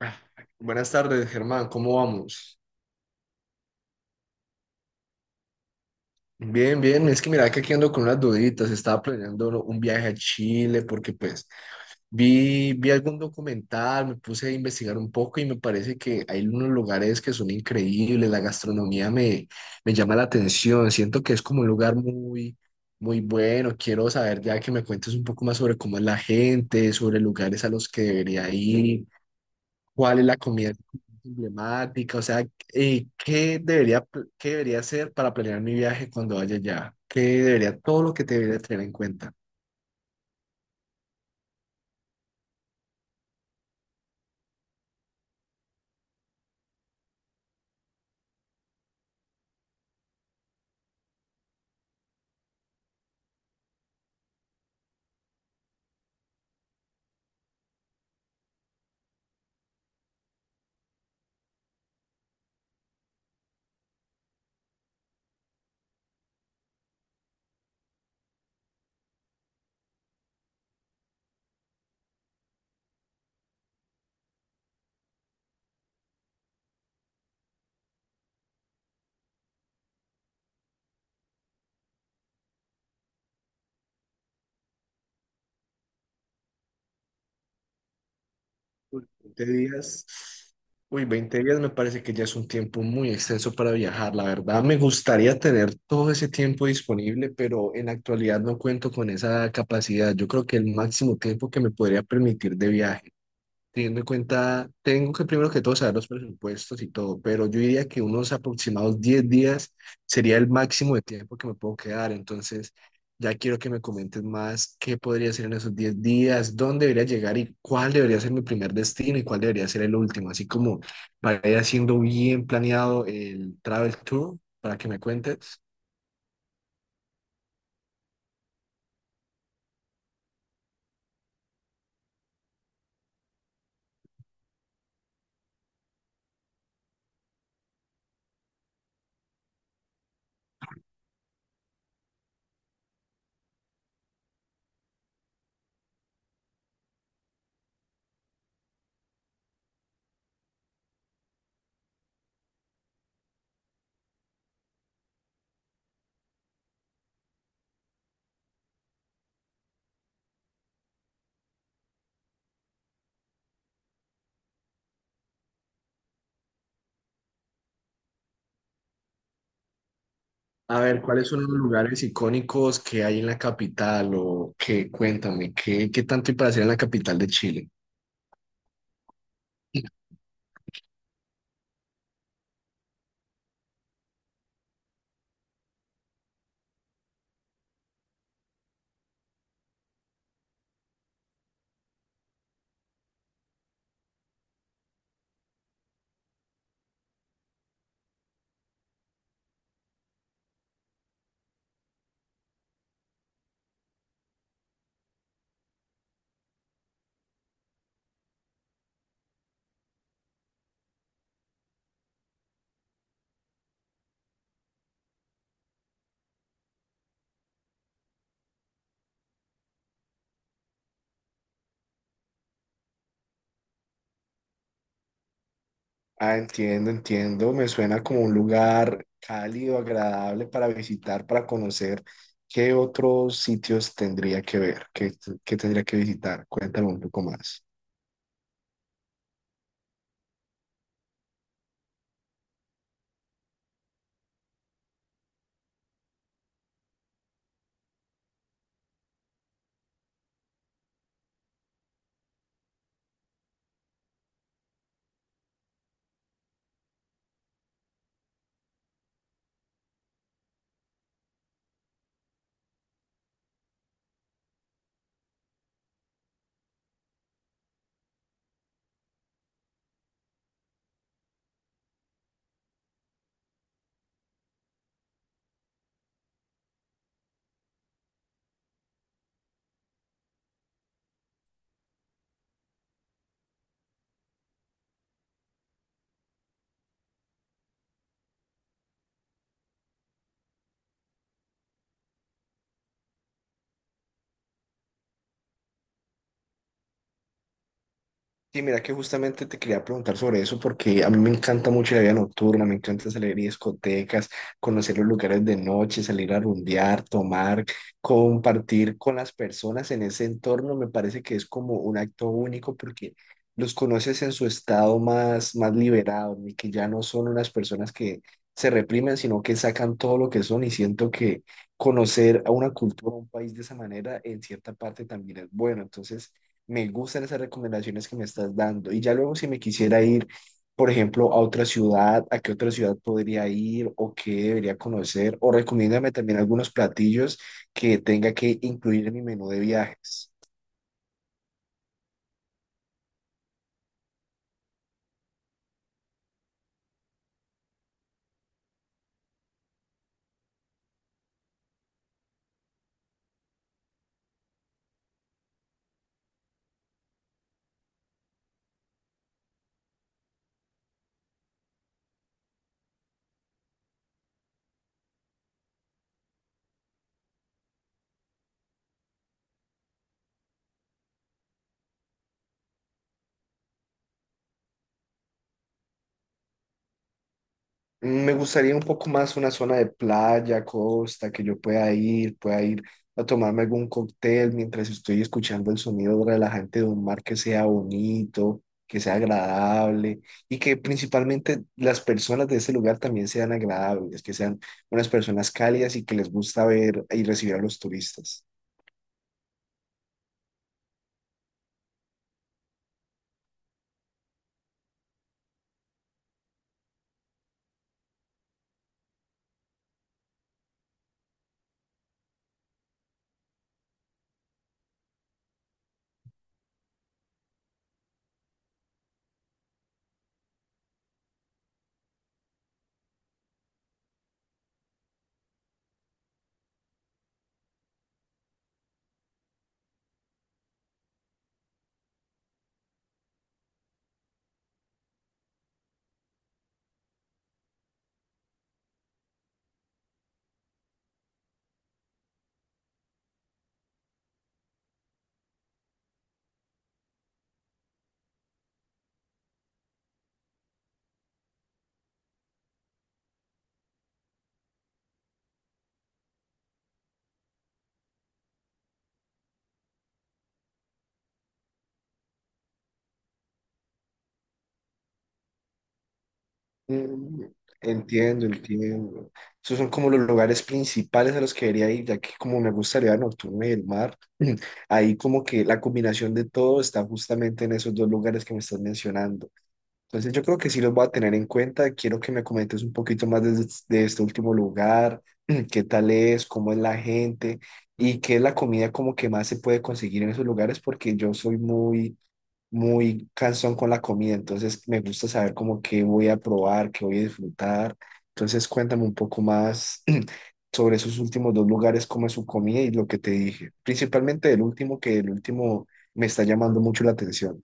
Ah, buenas tardes, Germán, ¿cómo vamos? Bien, bien, es que mira que aquí ando con unas duditas, estaba planeando un viaje a Chile porque pues vi algún documental, me puse a investigar un poco y me parece que hay unos lugares que son increíbles, la me llama la atención, siento que es como un lugar muy bueno, quiero saber ya que me cuentes un poco más sobre cómo es la gente, sobre lugares a los que debería ir cuál es la comida emblemática, o sea, qué debería, qué debería hacer para planear mi viaje cuando vaya allá, qué debería, todo lo que te debería tener en cuenta. Uy, 20 días, uy, 20 días me parece que ya es un tiempo muy extenso para viajar, la verdad. Me gustaría tener todo ese tiempo disponible, pero en la actualidad no cuento con esa capacidad. Yo creo que el máximo tiempo que me podría permitir de viaje. Teniendo en cuenta, tengo que primero que todo saber los presupuestos y todo, pero yo diría que unos aproximados 10 días sería el máximo de tiempo que me puedo quedar. Entonces, ya quiero que me comentes más qué podría hacer en esos 10 días, dónde debería llegar y cuál debería ser mi primer destino y cuál debería ser el último. Así como para ir haciendo bien planeado el travel tour, para que me cuentes. A ver, ¿cuáles son los lugares icónicos que hay en la capital o qué? Cuéntame, qué tanto hay para hacer en la capital de Chile? Ah, entiendo, entiendo. Me suena como un lugar cálido, agradable para visitar, para conocer. ¿Qué otros sitios tendría que ver? Qué tendría que visitar? Cuéntame un poco más. Sí, mira que justamente te quería preguntar sobre eso porque a mí me encanta mucho la vida nocturna, me encanta salir a discotecas, conocer los lugares de noche, salir a rumbear, tomar, compartir con las personas en ese entorno, me parece que es como un acto único porque los conoces en su estado más liberado y que ya no son unas personas que se reprimen, sino que sacan todo lo que son y siento que conocer a una cultura, a un país de esa manera en cierta parte también es bueno, entonces. Me gustan esas recomendaciones que me estás dando. Y ya luego si me quisiera ir, por ejemplo, a otra ciudad, ¿a qué otra ciudad podría ir o qué debería conocer? O recomiéndame también algunos platillos que tenga que incluir en mi menú de viajes. Me gustaría un poco más una zona de playa, costa, que yo pueda ir a tomarme algún cóctel mientras estoy escuchando el sonido relajante de un mar que sea bonito, que sea agradable y que principalmente las personas de ese lugar también sean agradables, que sean unas personas cálidas y que les gusta ver y recibir a los turistas. Mm, entiendo, entiendo. Esos son como los lugares principales a los que debería ir, ya que como me gusta la vida nocturna y el mar, ahí como que la combinación de todo está justamente en esos dos lugares que me estás mencionando. Entonces yo creo que sí los voy a tener en cuenta. Quiero que me comentes un poquito más de este último lugar, qué tal es, cómo es la gente y qué es la comida como que más se puede conseguir en esos lugares, porque yo soy muy cansón con la comida, entonces me gusta saber como qué voy a probar, qué voy a disfrutar. Entonces cuéntame un poco más sobre esos últimos dos lugares, cómo es su comida y lo que te dije. Principalmente el último, que el último me está llamando mucho la atención.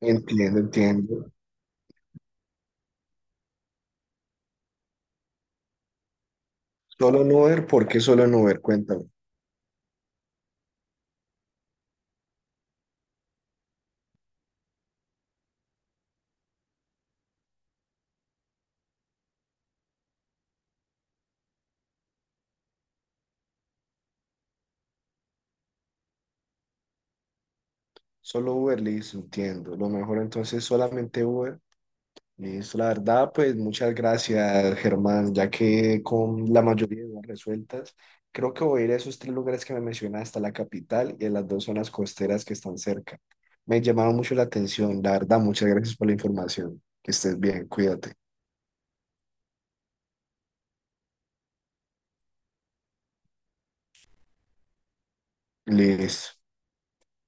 Entiendo, entiendo. Solo en Uber, ¿por qué solo en Uber? Cuéntame. Solo Uber, listo, entiendo. Lo mejor entonces solamente Uber. Listo, la verdad, pues muchas gracias, Germán, ya que con la mayoría de dudas resueltas, creo que voy a ir a esos tres lugares que me mencionaste, a la capital y a las dos zonas costeras que están cerca. Me llamaron mucho la atención, la verdad, muchas gracias por la información. Que estés bien, cuídate. Listo.